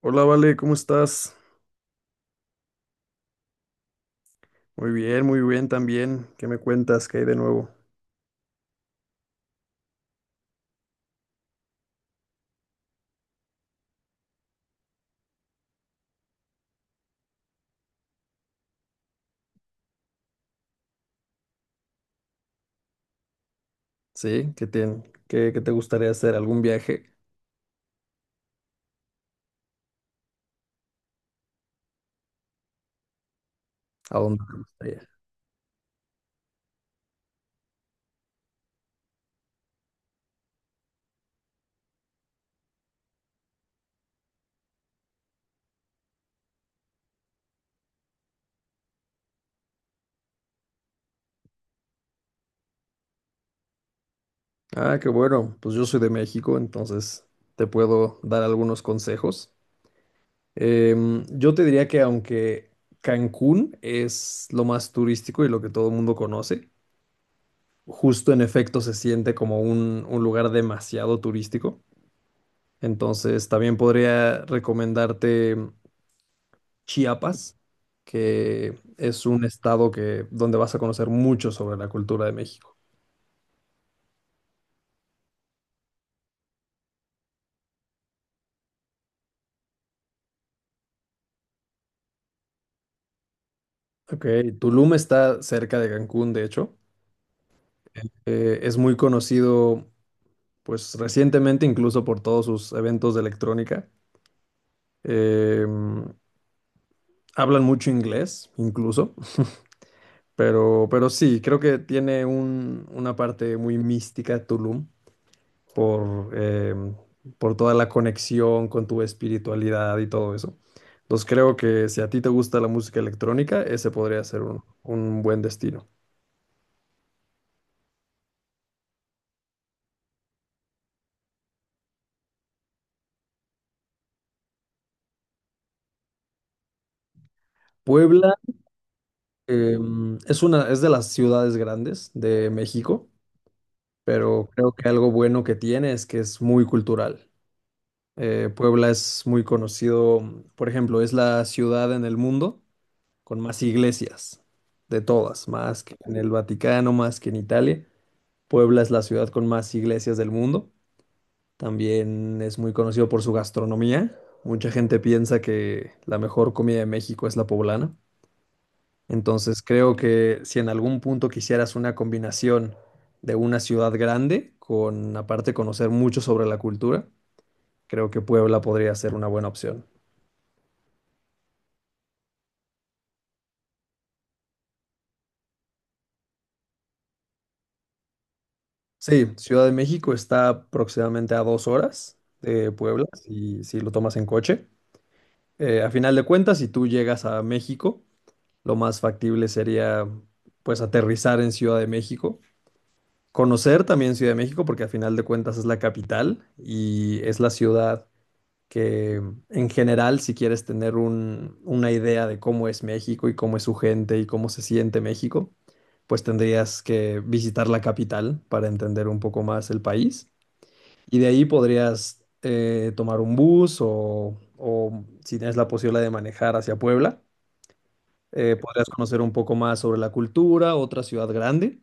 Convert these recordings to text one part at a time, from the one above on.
Hola, Vale, ¿cómo estás? Muy bien también. ¿Qué me cuentas? ¿Qué hay de nuevo? Sí, ¿qué te, qué, qué te gustaría hacer? ¿Algún viaje? ¿A dónde te gustaría? Ah, qué bueno. Pues yo soy de México, entonces te puedo dar algunos consejos. Yo te diría que, aunque Cancún es lo más turístico y lo que todo el mundo conoce, justo en efecto se siente como un lugar demasiado turístico. Entonces también podría recomendarte Chiapas, que es un estado donde vas a conocer mucho sobre la cultura de México. Ok, Tulum está cerca de Cancún, de hecho. Es muy conocido, pues recientemente incluso por todos sus eventos de electrónica. Eh, Hablan mucho inglés, incluso. Pero sí, creo que tiene una parte muy mística Tulum, por por toda la conexión con tu espiritualidad y todo eso. Entonces creo que si a ti te gusta la música electrónica, ese podría ser un buen destino. Puebla es una, es de las ciudades grandes de México, pero creo que algo bueno que tiene es que es muy cultural. Puebla es muy conocido, por ejemplo, es la ciudad en el mundo con más iglesias de todas, más que en el Vaticano, más que en Italia. Puebla es la ciudad con más iglesias del mundo. También es muy conocido por su gastronomía. Mucha gente piensa que la mejor comida de México es la poblana. Entonces creo que si en algún punto quisieras una combinación de una ciudad grande con aparte conocer mucho sobre la cultura, creo que Puebla podría ser una buena opción. Sí, Ciudad de México está aproximadamente a dos horas de Puebla, si lo tomas en coche. A final de cuentas, si tú llegas a México, lo más factible sería pues aterrizar en Ciudad de México, conocer también Ciudad de México porque a final de cuentas es la capital y es la ciudad que en general, si quieres tener una idea de cómo es México y cómo es su gente y cómo se siente México, pues tendrías que visitar la capital para entender un poco más el país y de ahí podrías tomar un bus o si tienes la posibilidad de manejar hacia Puebla podrías conocer un poco más sobre la cultura, otra ciudad grande.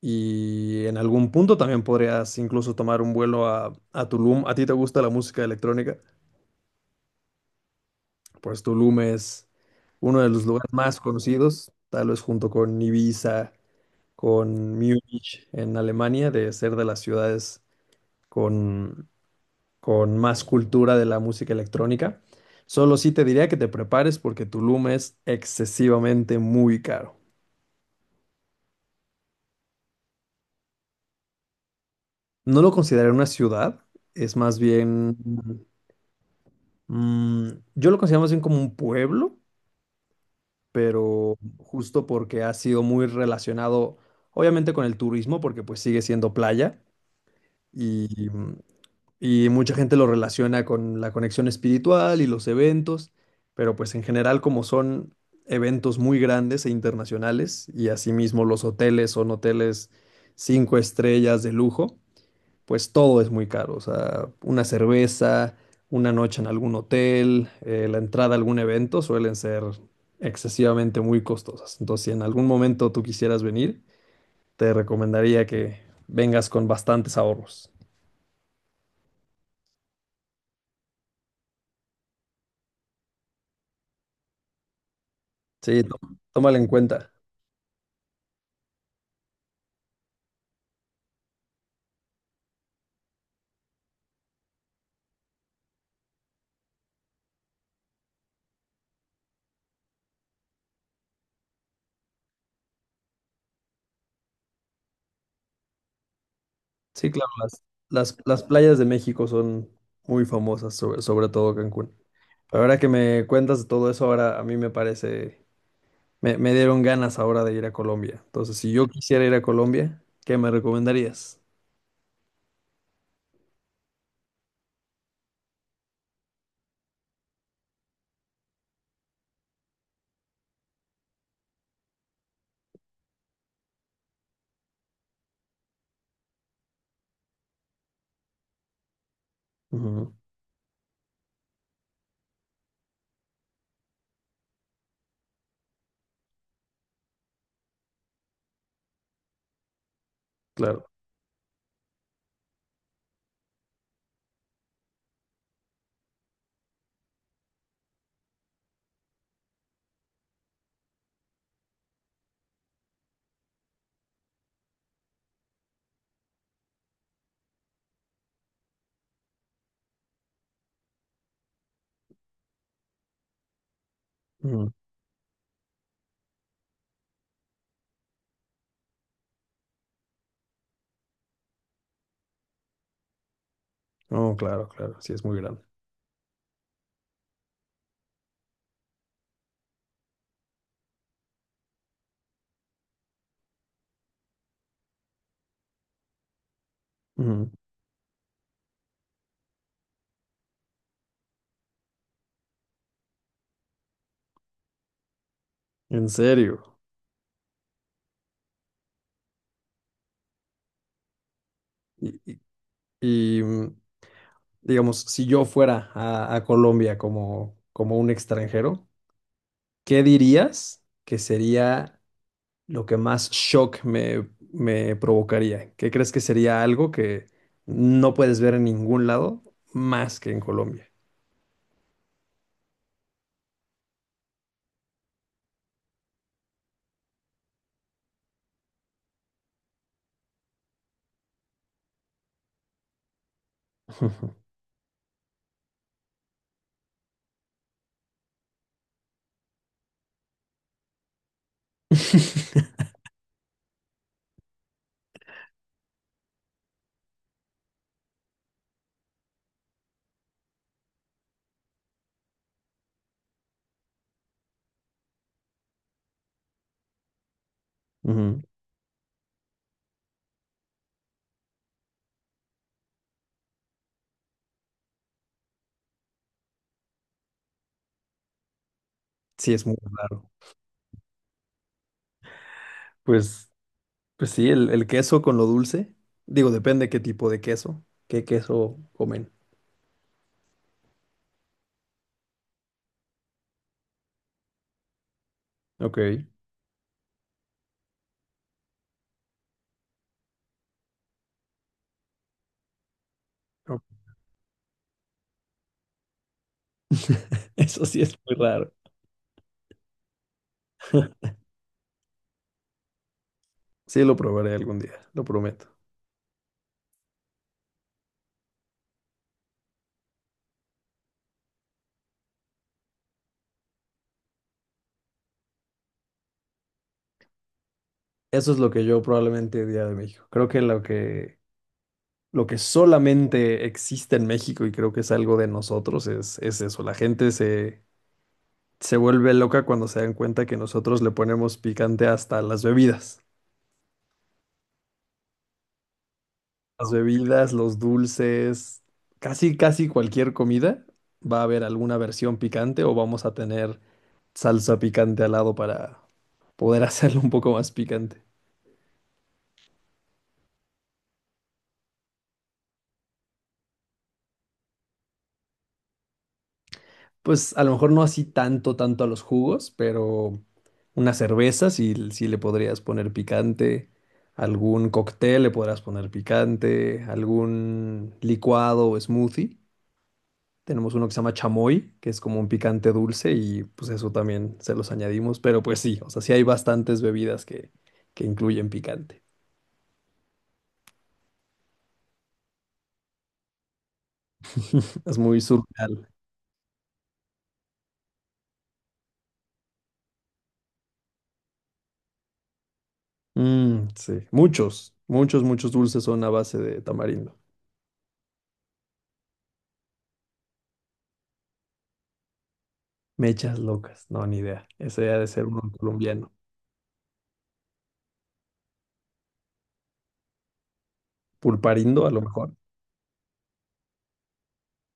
Y en algún punto también podrías incluso tomar un vuelo a Tulum. ¿A ti te gusta la música electrónica? Pues Tulum es uno de los lugares más conocidos, tal vez junto con Ibiza, con Múnich en Alemania, de ser de las ciudades con, con más cultura de la música electrónica. Solo sí te diría que te prepares porque Tulum es excesivamente muy caro. No lo consideraría una ciudad, es más bien, mm, yo lo considero más bien como un pueblo, pero justo porque ha sido muy relacionado, obviamente, con el turismo, porque pues sigue siendo playa y y mucha gente lo relaciona con la conexión espiritual y los eventos, pero pues en general, como son eventos muy grandes e internacionales y asimismo los hoteles son hoteles cinco estrellas de lujo, pues todo es muy caro. O sea, una cerveza, una noche en algún hotel, la entrada a algún evento suelen ser excesivamente muy costosas. Entonces, si en algún momento tú quisieras venir, te recomendaría que vengas con bastantes ahorros. Sí, tómalo en cuenta. Sí, claro, las playas de México son muy famosas, sobre todo Cancún. Pero ahora que me cuentas de todo eso, ahora a mí me parece, me dieron ganas ahora de ir a Colombia. Entonces, si yo quisiera ir a Colombia, ¿qué me recomendarías? Ujú, claro. Ujú. Oh, claro, claro. Sí, es muy grande. Ujú. ¿En serio? Y, y- y digamos, si yo fuera a Colombia como, como un extranjero, ¿qué dirías que sería lo que más shock me provocaría? ¿Qué crees que sería algo que no puedes ver en ningún lado más que en Colombia? Ujú. Sí, es muy raro. Pues, pues sí, el queso con lo dulce. Digo, depende qué tipo de queso, qué queso comen. Ok. Ok. Eso sí es muy raro. Sí, lo probaré algún día, lo prometo. Eso es lo que yo probablemente diría de México. Creo que lo que solamente existe en México y creo que es algo de nosotros es eso. Se vuelve loca cuando se dan cuenta que nosotros le ponemos picante hasta las bebidas. Las bebidas, los dulces, casi cualquier comida va a haber alguna versión picante o vamos a tener salsa picante al lado para poder hacerlo un poco más picante. Pues a lo mejor no así tanto a los jugos, pero una cerveza sí, sí le podrías poner picante, algún cóctel le podrás poner picante, algún licuado o smoothie. Tenemos uno que se llama chamoy, que es como un picante dulce y pues eso también se los añadimos, pero pues sí, o sea, sí hay bastantes bebidas que incluyen picante. Es muy surreal. Sí, muchos dulces son a base de tamarindo. Mechas locas, no, ni idea. Ese ha de ser uno colombiano. Pulparindo, a lo mejor.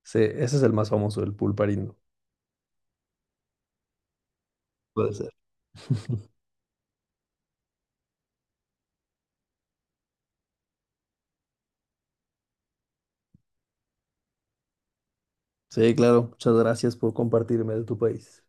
Sí, ese es el más famoso, el pulparindo. Puede ser. Sí, claro. Muchas gracias por compartirme de tu país.